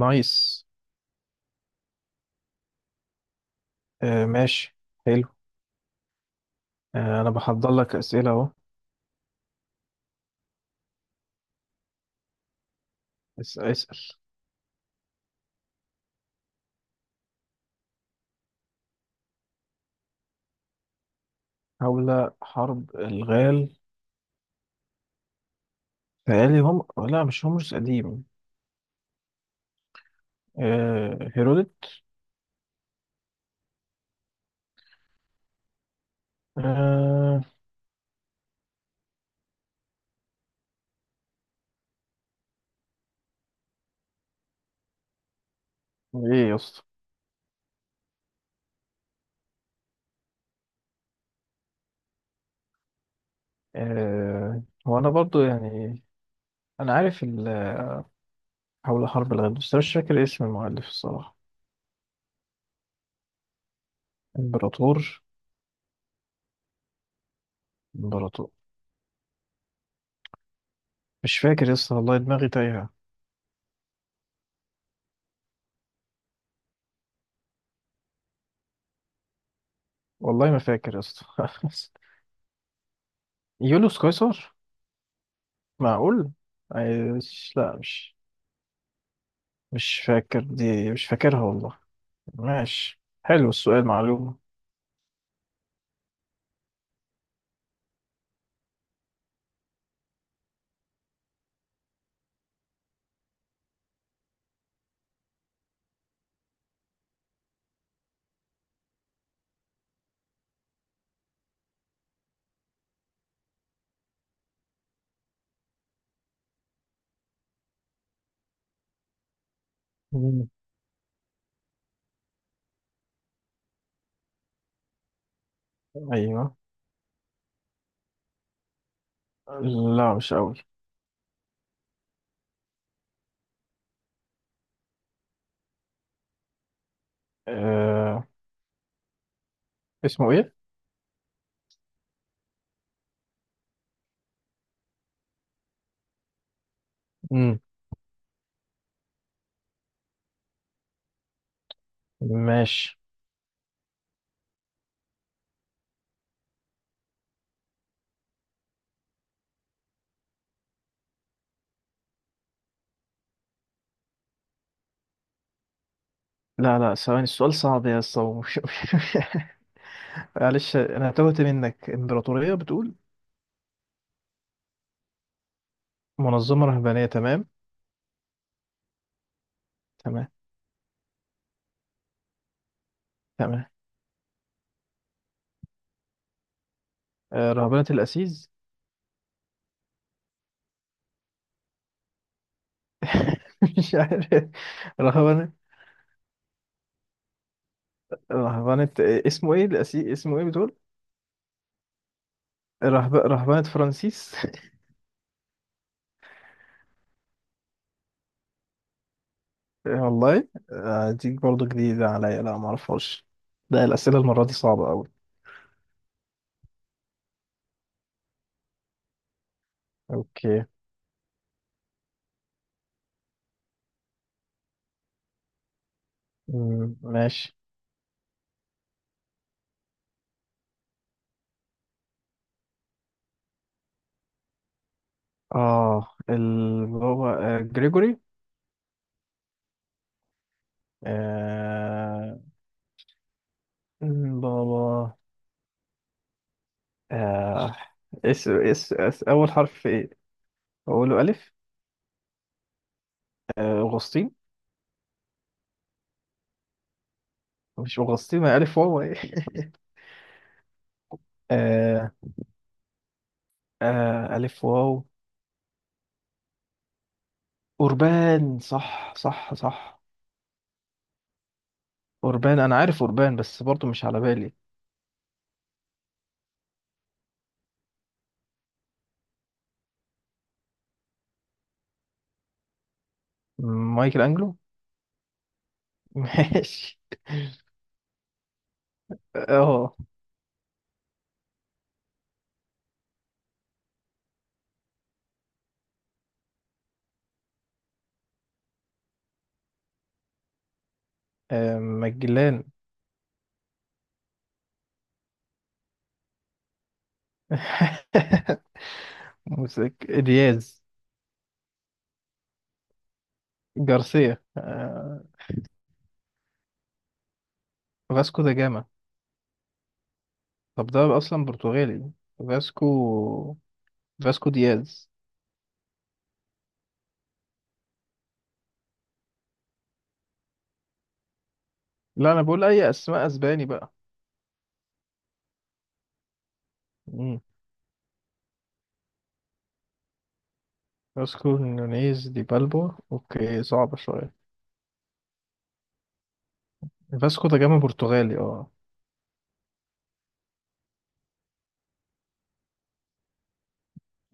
نايس. آه، ماشي. حلو. آه، أنا بحضر لك أسئلة أهو. اسأل. حول حرب الغال. تهيألي هم. لا، مش هومرس قديم. آه، هيرودوت. آه. إيه يا اسطى؟ آه، هو أنا برضو يعني أنا عارف حول حرب الغال، بس أنا مش فاكر اسم المؤلف الصراحة. إمبراطور. إمبراطور. مش فاكر يا اسطى، والله دماغي تايهة. والله ما فاكر يا اسطى يوليوس قيصر. معقول؟ لا مش. مش فاكر، دي مش فاكرها والله. ماشي، حلو السؤال، معلومة. مم. أيوة. لا مش أوي. أه... اسمه إيه؟ مم. ماشي. لا لا، ثواني، السؤال صعب يا اسطى معلش، أنا تهت منك، إمبراطورية بتقول؟ منظمة رهبانية، تمام. تمام. تمام. أه... رهبنة الأسيز. مش عارف. رهبنة. رهبنة اسمه إيه الأسيز اسمه إيه بتقول؟ رهبنة فرانسيس. إيه والله. آه، دي برضه جديدة عليا، لا معرفهاش. لا، الأسئلة المرة دي صعبة أوي. أوكي. مم، ماشي. آه، اللي هو آه، جريجوري. آه. مم، بابا. آه. اس أول حرف إيه؟ أقوله ألف. آه، أغسطين. مش أغسطين؟ ما ألف واو إيه آه. آه، ألف واو. أوربان، صح صح صح. أوربان، أنا عارف أوربان بس برضه مش على بالي. مايكل أنجلو. ماشي. اه. آه، مجلان. موسيك دياز. جارسيا. آه، فاسكو دا جاما. طب ده اصلا برتغالي. فاسكو. فاسكو دياز. لا انا بقول اي اسماء اسباني بقى. مم. فاسكو نونيز دي بالبو، اوكي، صعبة شوية. فاسكو دا جاما برتغالي، اه.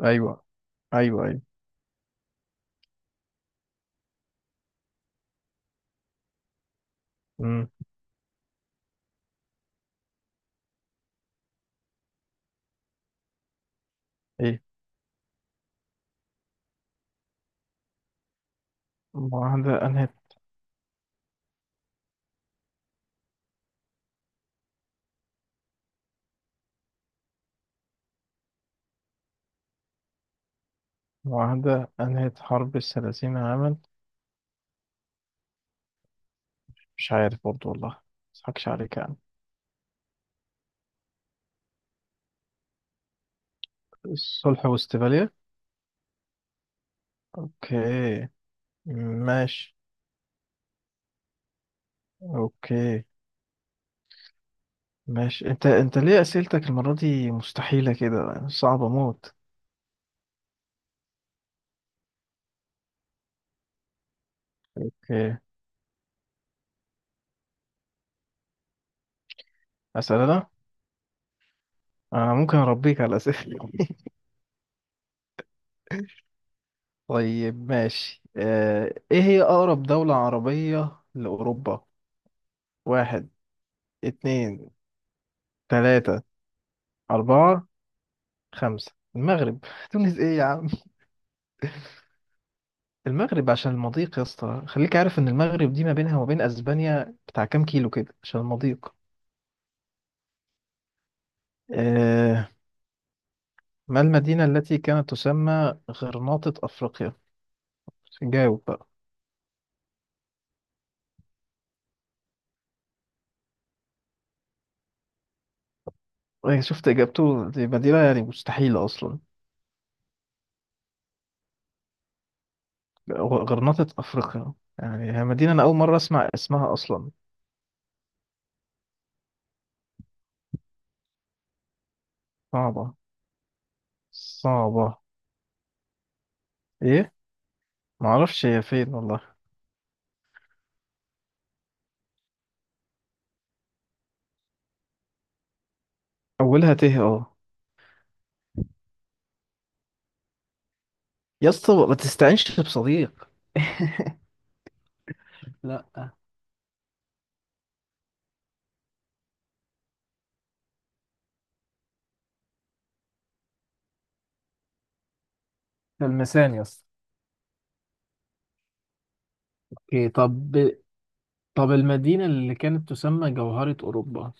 ايوه. ايوه ايوه. مم. ايه؟ معاهدة انهت. معاهدة انهت حرب الثلاثين عاما. مش عارف برضو والله، ما اضحكش عليك يعني. صلح واستفالية. اوكي. ماشي. اوكي. ماشي. انت ليه اسئلتك المرة دي مستحيلة كده، صعبة موت. اوكي. اسأل انا. انا ممكن اربيك على اسئلة. طيب، ماشي. آه، ايه هي اقرب دولة عربية لاوروبا؟ واحد، اتنين، تلاتة، اربعة، خمسة. المغرب. تونس ايه يا عم؟ المغرب عشان المضيق يا اسطى، خليك عارف ان المغرب دي ما بينها وما بين اسبانيا بتاع كام كيلو كده، عشان المضيق. آه. ما المدينة التي كانت تسمى غرناطة افريقيا؟ جاوب بقى. إيه، شفت اجابته؟ دي مدينة يعني مستحيلة اصلا. غرناطة افريقيا، يعني هي مدينة انا اول مرة اسمع اسمها اصلا. صعبة. صعبة، ايه. معرفش هي فين والله. اولها ت، اه. يا اسطى ما تستعنش بصديق؟ لا. المسان يا اسطى. اوكي، طب. طب المدينة اللي كانت تسمى جوهرة أوروبا؟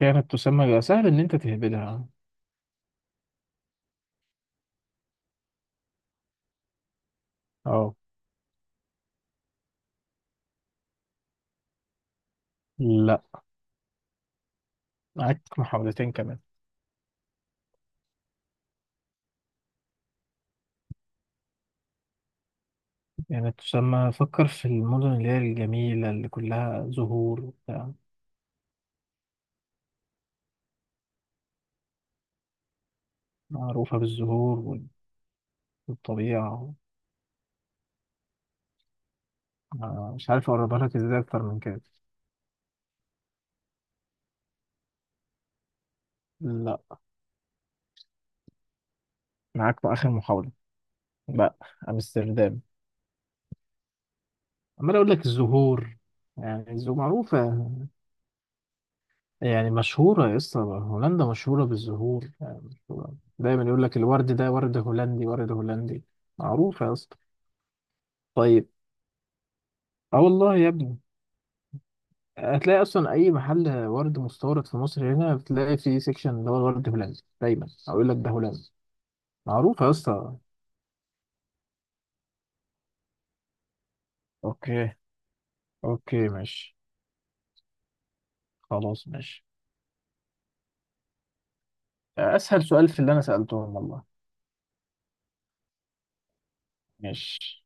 كانت تسمى سهل إن أنت تهبدها. أه. لا، معاك محاولتين كمان. كانت تسمى، فكر في المدن اللي هي الجميلة، اللي كلها زهور وبتاع، معروفة بالزهور والطبيعة. آه، مش عارف أقربها لك إزاي أكتر من كده. لا، معاك بقى آخر محاولة. لا. أمستردام. عمال أقول لك الزهور يعني، الزهور معروفة يعني، مشهورة يا اسطى. هولندا مشهورة بالزهور يعني، مشهورة. دايما يقول لك الورد ده ورد هولندي، ورد هولندي. معروفة يا اسطى. طيب. اه والله يا ابني، هتلاقي اصلا اي محل ورد مستورد في مصر هنا بتلاقي فيه سيكشن اللي هو الورد هولندي دايما، او يقول لك ده هولندي. معروفة يا اسطى. اوكي. اوكي، ماشي. خلاص، ماشي. اسهل سؤال في اللي انا سألتهم والله. ماشي.